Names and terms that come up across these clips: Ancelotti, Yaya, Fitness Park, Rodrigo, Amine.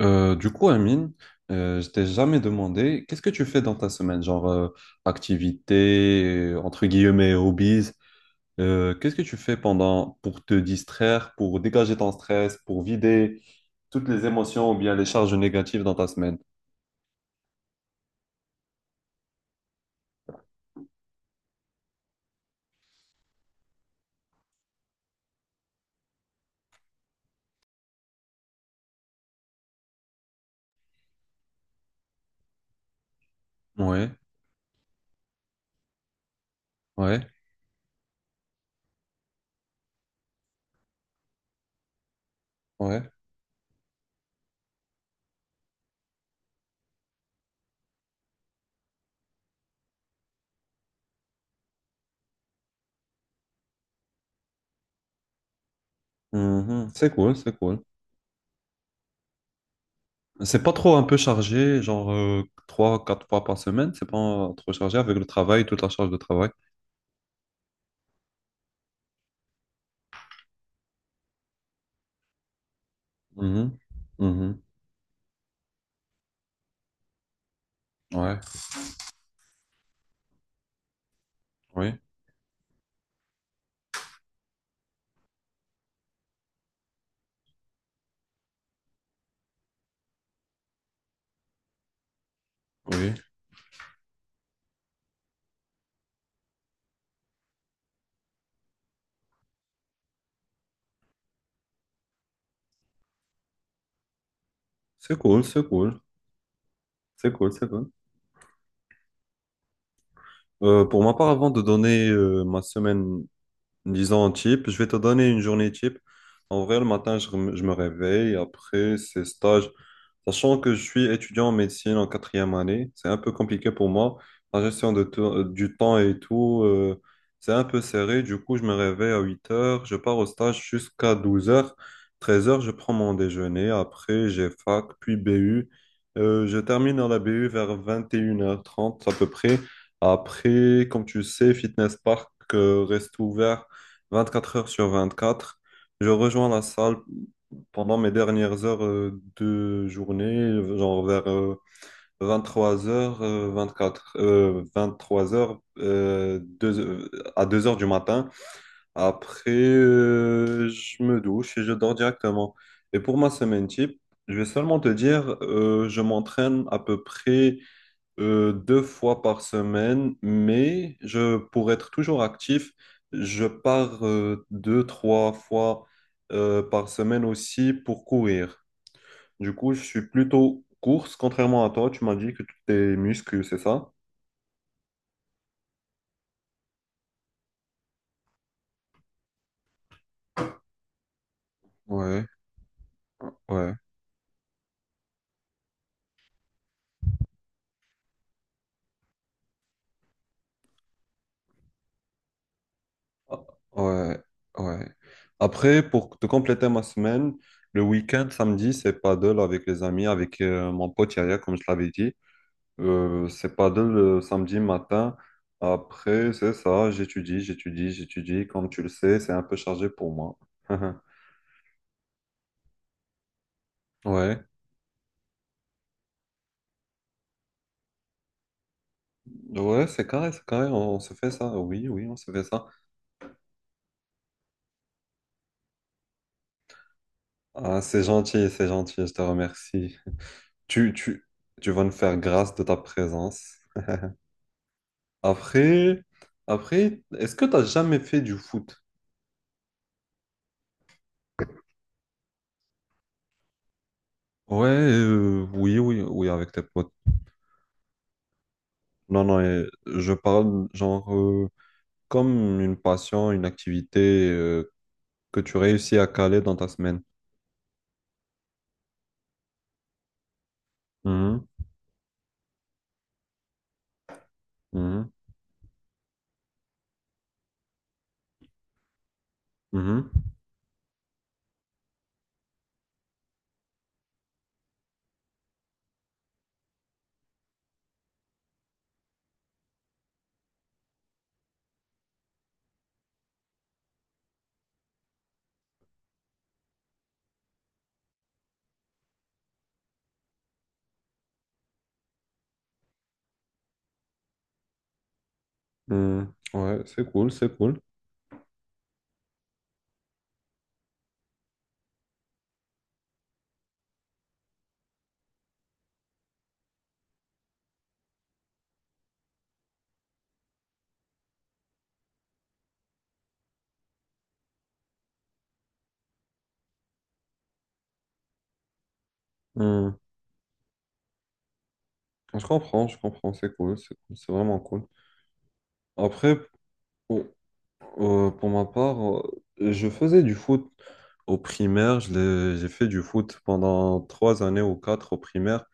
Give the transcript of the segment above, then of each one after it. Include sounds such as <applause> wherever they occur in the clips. Du coup, Amine, je t'ai jamais demandé, qu'est-ce que tu fais dans ta semaine, genre activité, entre guillemets, hobbies, qu'est-ce que tu fais pendant pour te distraire, pour dégager ton stress, pour vider toutes les émotions ou bien les charges négatives dans ta semaine? Ouais, ouais, ouais. Mhm, c'est cool, c'est cool. C'est pas trop un peu chargé, genre trois, quatre fois par semaine, c'est pas trop chargé avec le travail, toute la charge de travail. Mhm, mhm, ouais, oui, oui. C'est cool, c'est cool, c'est cool, c'est cool. Pour ma part, avant de donner ma semaine, disons, type, je vais te donner une journée type. En vrai, le matin, je me réveille. Après, c'est stage. Sachant que je suis étudiant en médecine en quatrième année, c'est un peu compliqué pour moi. La gestion de du temps et tout, c'est un peu serré. Du coup, je me réveille à 8h, je pars au stage jusqu'à 12h. 13h, je prends mon déjeuner. Après, j'ai fac, puis BU. Je termine à la BU vers 21h30 à peu près. Après, comme tu sais, Fitness Park, reste ouvert 24h/24. Je rejoins la salle pendant mes dernières heures de journée, genre vers 23h, 24, euh, 23h euh, deux- euh, à 2h du matin. Après, je me douche et je dors directement. Et pour ma semaine type, je vais seulement te dire, je m'entraîne à peu près deux fois par semaine, mais pour être toujours actif, je pars deux, trois fois par semaine aussi pour courir. Du coup, je suis plutôt course, contrairement à toi. Tu m'as dit que tu tes muscles, c'est ça? Ouais, ouais, ah, ouais, ouais. Après, pour te compléter ma semaine, le week-end, samedi, c'est paddle avec les amis, avec mon pote Yaya, comme je l'avais dit. C'est paddle le samedi matin. Après, c'est ça, j'étudie, j'étudie, j'étudie. Comme tu le sais, c'est un peu chargé pour moi. <laughs> Ouais. Ouais, c'est carré, on se fait ça. Oui, oui, on se fait ça. Ah, c'est gentil, je te remercie. Tu, tu, tu vas me faire grâce de ta présence. Après, après, est-ce que tu as jamais fait du foot? Ouais, oui, oui, oui, avec tes potes. Non, non, je parle genre comme une passion, une activité que tu réussis à caler dans ta semaine. Mhm, mhm, mhm, mhm. Ouais, c'est cool, c'est cool. Mhm. Je comprends, c'est cool, c'est cool, c'est vraiment cool. Après, pour, pour ma part, je faisais du foot au primaire. J'ai fait du foot pendant 3 années ou quatre au primaire.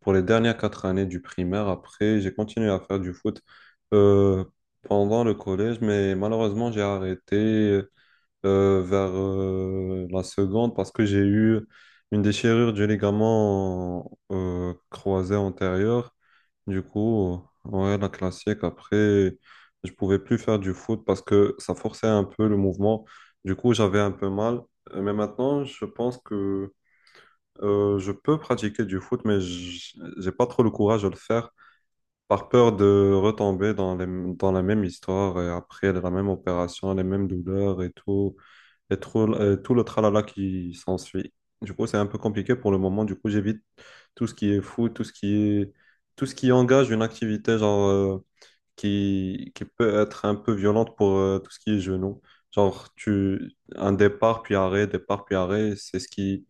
Pour les dernières 4 années du primaire, après, j'ai continué à faire du foot euh, pendant le collège, mais malheureusement, j'ai arrêté. Vers la seconde parce que j'ai eu une déchirure du ligament croisé antérieur. Du coup, ouais, la classique. Après, je pouvais plus faire du foot parce que ça forçait un peu le mouvement. Du coup, j'avais un peu mal. Mais maintenant, je pense que je peux pratiquer du foot, mais j'ai pas trop le courage de le faire par peur de retomber dans dans la même histoire et après la même opération, les mêmes douleurs et tout, tout le tralala qui s'ensuit. Du coup, c'est un peu compliqué pour le moment. Du coup, j'évite tout ce qui est fou, tout ce qui engage une activité genre, qui peut être un peu violente pour tout ce qui est genou. Genre, un départ puis arrêt, c'est ce qui.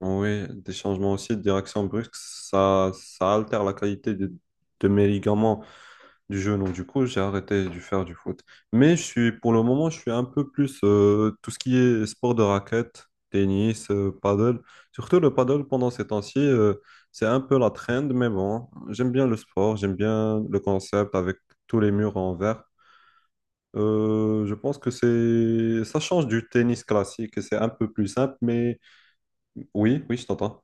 Oui, des changements aussi de direction brusque, ça altère la qualité de mes ligaments du jeu. Donc, du coup, j'ai arrêté de faire du foot. Pour le moment, je suis un peu plus tout ce qui est sport de raquette, tennis, paddle. Surtout le paddle pendant ces temps-ci, c'est un peu la trend, mais bon, j'aime bien le sport, j'aime bien le concept avec tous les murs en verre. Je pense que c'est ça change du tennis classique et c'est un peu plus simple, mais oui, oui, je t'entends.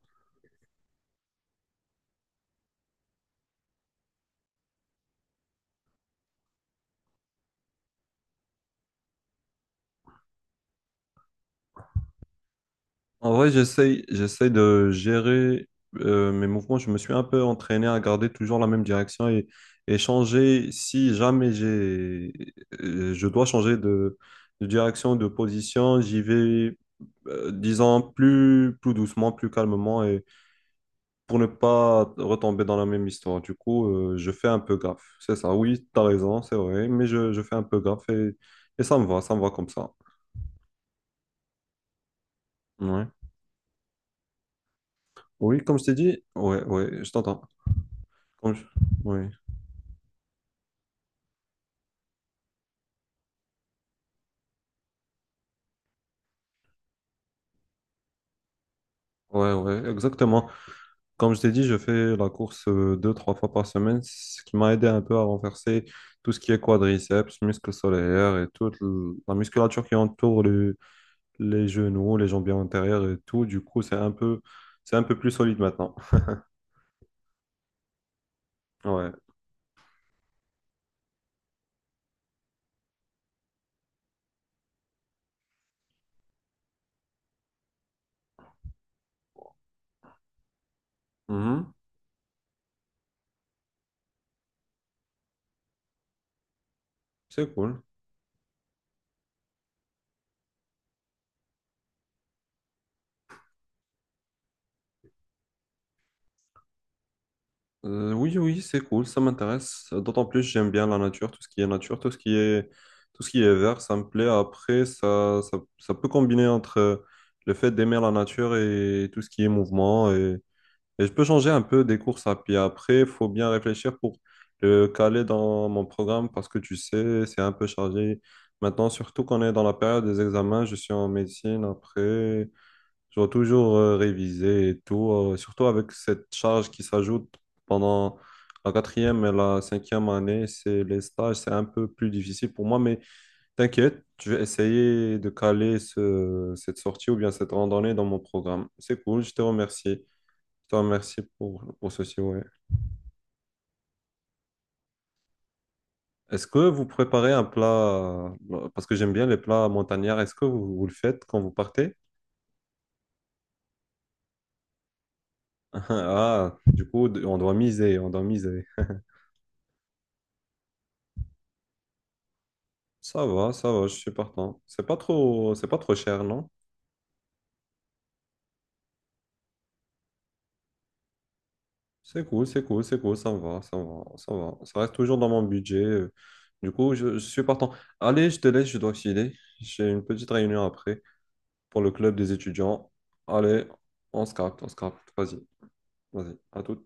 En vrai, j'essaye de gérer mes mouvements. Je me suis un peu entraîné à garder toujours la même direction et changer si jamais j'ai, je dois changer de direction, de position. J'y vais, disons, plus doucement, plus calmement et pour ne pas retomber dans la même histoire. Du coup, je fais un peu gaffe. C'est ça. Oui, t'as raison, c'est vrai, mais je fais un peu gaffe et ça me va comme ça. Ouais. Oui, comme je t'ai dit, ouais, ouais, je t'entends. Comme je- Oui, ouais, ouais, exactement. Comme je t'ai dit, je fais la course deux, trois fois par semaine, ce qui m'a aidé un peu à renverser tout ce qui est quadriceps, muscles solaires et la musculature qui entoure les genoux, les jambiers antérieurs et tout. Du coup, c'est un peu plus solide maintenant. Ouais. Mhm. C'est cool. Oui, oui, c'est cool, ça m'intéresse. D'autant plus, j'aime bien la nature, tout ce qui est nature, tout ce qui est vert, ça me plaît. Après, ça peut combiner entre le fait d'aimer la nature et tout ce qui est mouvement. Et je peux changer un peu des courses à pied. Après, il faut bien réfléchir pour le caler dans mon programme parce que tu sais, c'est un peu chargé. Maintenant, surtout qu'on est dans la période des examens, je suis en médecine après. Je dois toujours réviser et tout, surtout avec cette charge qui s'ajoute pendant la quatrième et la cinquième année, c'est les stages, c'est un peu plus difficile pour moi, mais t'inquiète, je vais essayer de caler cette sortie ou bien cette randonnée dans mon programme. C'est cool, je te remercie. Je te remercie pour ceci, ouais. Est-ce que vous préparez un plat, parce que j'aime bien les plats montagnards, est-ce que vous le faites quand vous partez? <laughs> Ah, du coup, on doit miser, on doit miser. Ça va, je suis partant. C'est pas trop cher, non? C'est cool, c'est cool, c'est cool, ça me va, ça me va, ça me va. Ça reste toujours dans mon budget. Du coup, je suis partant. Allez, je te laisse, je dois filer. J'ai une petite réunion après pour le club des étudiants. Allez, on se capte, on se capte. Vas-y, vas-y, à tout.